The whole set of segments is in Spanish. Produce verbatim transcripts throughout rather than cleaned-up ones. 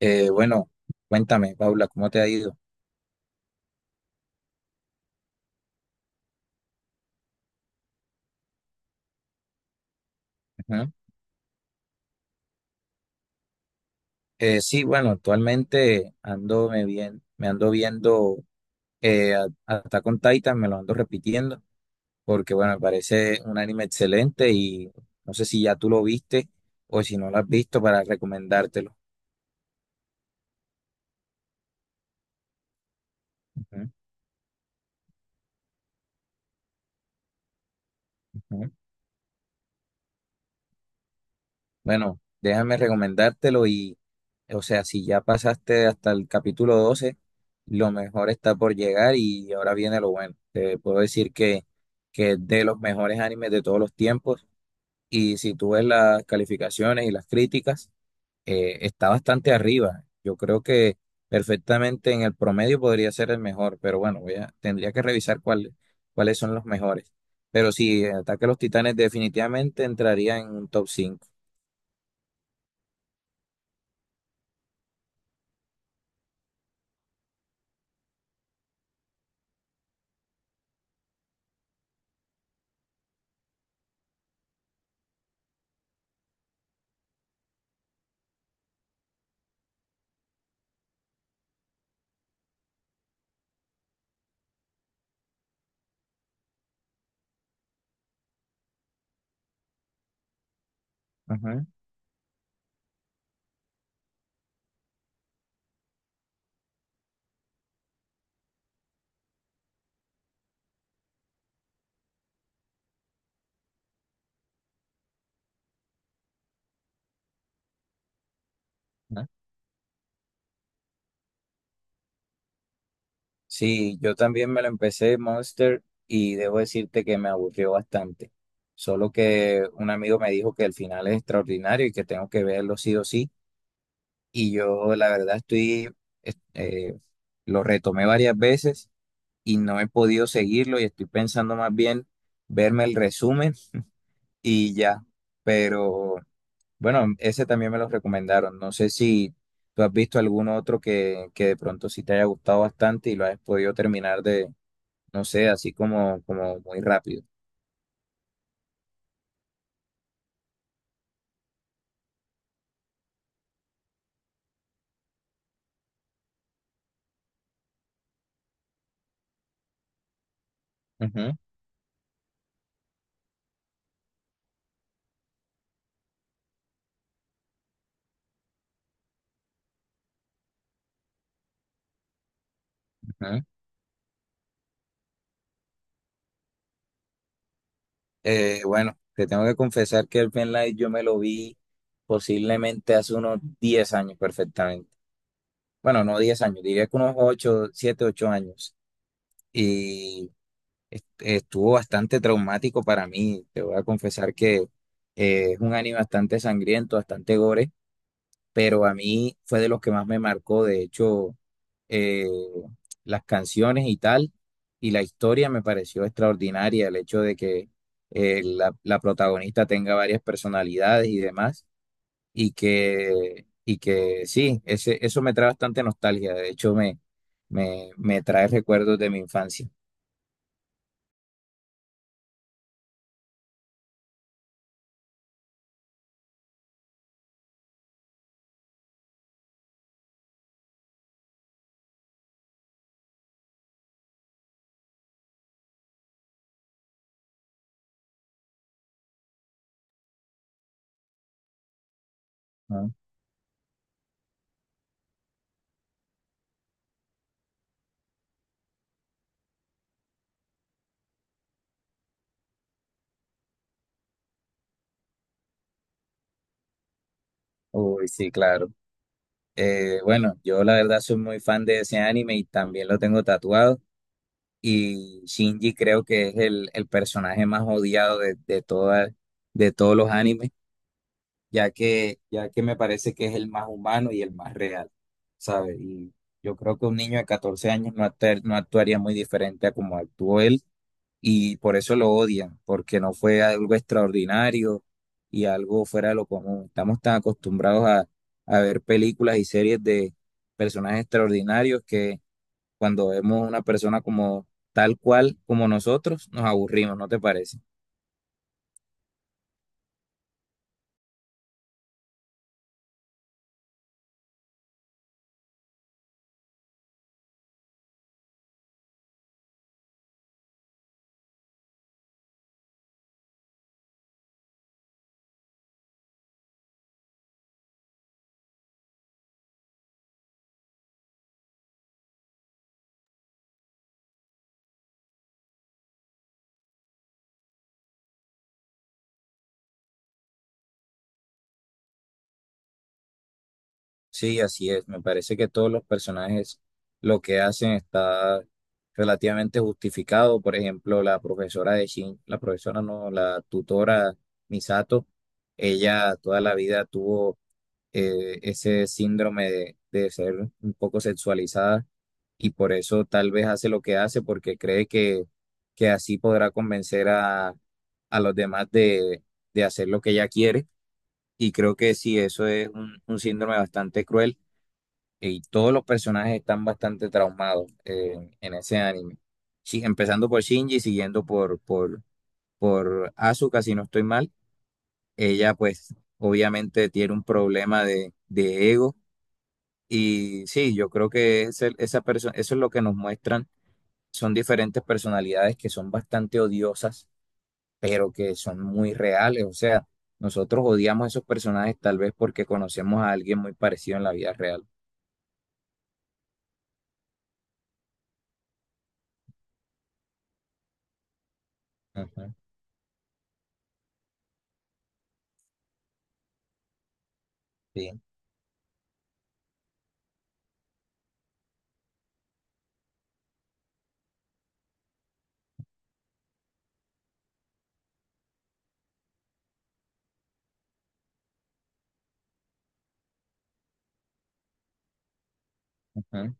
Eh, bueno, cuéntame, Paula, ¿cómo te ha ido? Ujú. Eh, sí, bueno, actualmente ando me bien, me ando viendo eh, a- Attack on Titan, me lo ando repitiendo, porque bueno, me parece un anime excelente y no sé si ya tú lo viste o si no lo has visto para recomendártelo. Ujú. Bueno, déjame recomendártelo y, o sea, si ya pasaste hasta el capítulo doce, lo mejor está por llegar y ahora viene lo bueno. Te puedo decir que, que es de los mejores animes de todos los tiempos y si tú ves las calificaciones y las críticas, eh, está bastante arriba. Yo creo que perfectamente en el promedio podría ser el mejor, pero bueno, voy a- tendría que revisar cuál- cuáles son los mejores. Pero sí, Ataque a los Titanes definitivamente entraría en un top cinco. Sí, yo también me lo empecé Monster y debo decirte que me aburrió bastante. Solo que un amigo me dijo que el final es extraordinario y que tengo que verlo sí o sí. Y yo la verdad estoy, es- eh, lo retomé varias veces y no he podido seguirlo y estoy pensando más bien verme el resumen y ya. Pero bueno, ese también me lo recomendaron. No sé si tú has visto algún otro que, que de pronto sí te haya gustado bastante y lo has podido terminar no sé, así como, como muy rápido. Ujú, ujú. Eh, bueno, te tengo que confesar que el Light yo me lo vi posiblemente hace unos diez años perfectamente. Bueno, no diez años, diría que unos ocho siete ocho años. Y est- estuvo bastante traumático para mí. Te voy a confesar que eh, es un anime bastante sangriento, bastante gore. Pero a mí fue de los que más me marcó, de hecho, eh, las canciones y tal, y la historia me pareció extraordinaria, el hecho de que eh, la, la protagonista tenga varias personalidades y demás, y que, y que sí, ese, eso me trae bastante nostalgia, de hecho me, me, me trae recuerdos de mi infancia, ¿no? Uy, sí, claro. Eh, bueno, yo la verdad soy muy fan de ese anime y también lo tengo tatuado. Y Shinji creo que es el, el personaje más odiado de, de, toda- de todos los animes, ya que, ya que me parece que es el más humano y el más real, ¿sabes? Y yo creo que un niño de catorce años no, acta- no actuaría muy diferente a como actuó él, y por eso lo odian, porque no fue algo extraordinario y algo fuera de lo común. Estamos tan acostumbrados a, a ver películas y series de personajes extraordinarios cuando vemos una persona como tal cual como nosotros, nos aburrimos, ¿no te parece? Sí, así es. Me parece que todos los personajes lo que hacen está relativamente justificado. Por ejemplo, la profesora de Shin, la profesora no, la tutora Misato, ella toda la vida tuvo eh, ese síndrome de, de ser un poco sexualizada y por eso tal vez hace lo que hace porque cree que, que así podrá convencer a, a los demás de, de hacer lo que ella quiere. Y creo que sí, eso es un, un síndrome bastante cruel y todos los personajes están bastante traumados eh, en, en ese anime. Sí, empezando por Shinji, siguiendo por, por, por Asuka, si no estoy mal. Ella pues obviamente tiene un problema de de ego y sí, yo creo que ese- esa persona eso es lo que nos muestran. Son diferentes personalidades que son bastante odiosas, pero que son muy reales. O sea, nosotros odiamos esos personajes tal vez porque conocemos a alguien muy parecido en la vida real. Ujú, sí, ujú.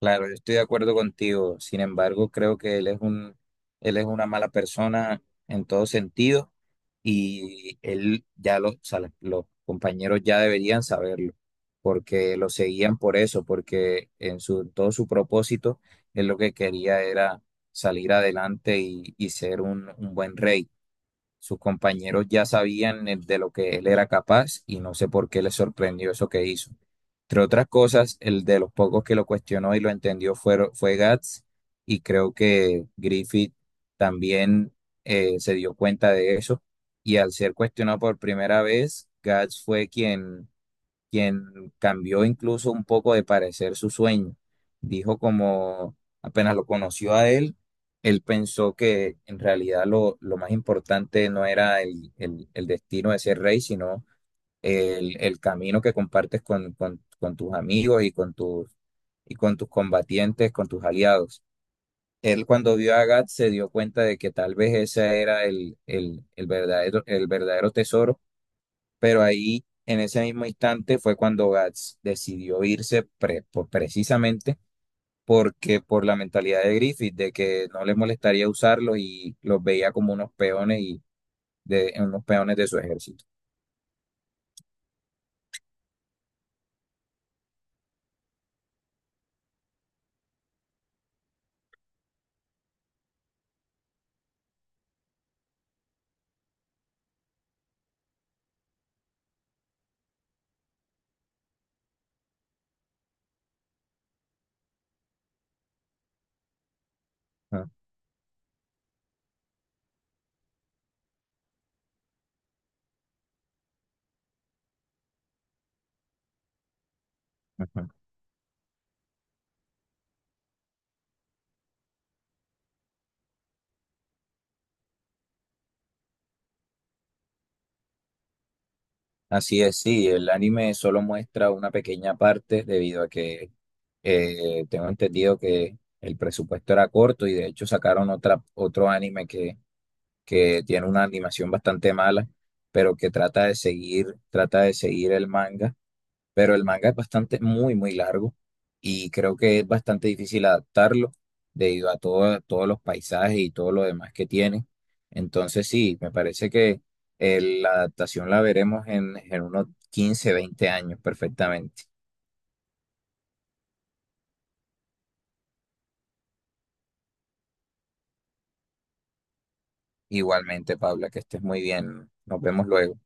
Claro, yo estoy de acuerdo contigo. Sin embargo, creo que él es un, él es una mala persona en todo sentido y él ya lo- o sea, los, los compañeros ya deberían saberlo porque lo seguían por eso, porque en su, todo su propósito, él lo que quería era salir adelante y, y ser un, un buen rey. Sus compañeros ya sabían eh, de lo que él era capaz y no sé por qué le sorprendió eso que hizo. Entre otras cosas, el de los pocos que lo cuestionó y lo entendió fue, fue Guts y creo que Griffith también eh, se dio cuenta de eso y al ser cuestionado por primera vez, Guts fue quien quien cambió incluso un poco de parecer su sueño. Dijo como apenas lo conoció a él, él pensó que en realidad lo, lo más importante no era el, el- el destino de ser rey, sino el, el camino que compartes con, con- con tus amigos y con tus, y con tus combatientes, con tus aliados. Él cuando vio a Gat se dio cuenta de que tal vez ese era el, el el verdadero, el verdadero tesoro, pero ahí, en ese mismo instante, fue cuando Gats decidió irse pre- por- precisamente porque por la mentalidad de Griffith, de que no le molestaría usarlos y los veía como unos peones y de unos peones de su ejército. Ah, ujú. Así es, sí, el anime solo muestra una pequeña parte debido a que eh, tengo entendido que el presupuesto era corto y de hecho sacaron otra, otro anime que que tiene una animación bastante mala, pero que trata de seguir, trata de seguir el manga, pero el manga es bastante, muy, muy largo y creo que es bastante difícil adaptarlo debido a todo- todos los paisajes y todo lo demás que tiene. Entonces sí, me parece que eh, la adaptación la veremos en, en unos quince veinte años perfectamente. Igualmente, Paula, que estés muy bien. Nos vemos luego.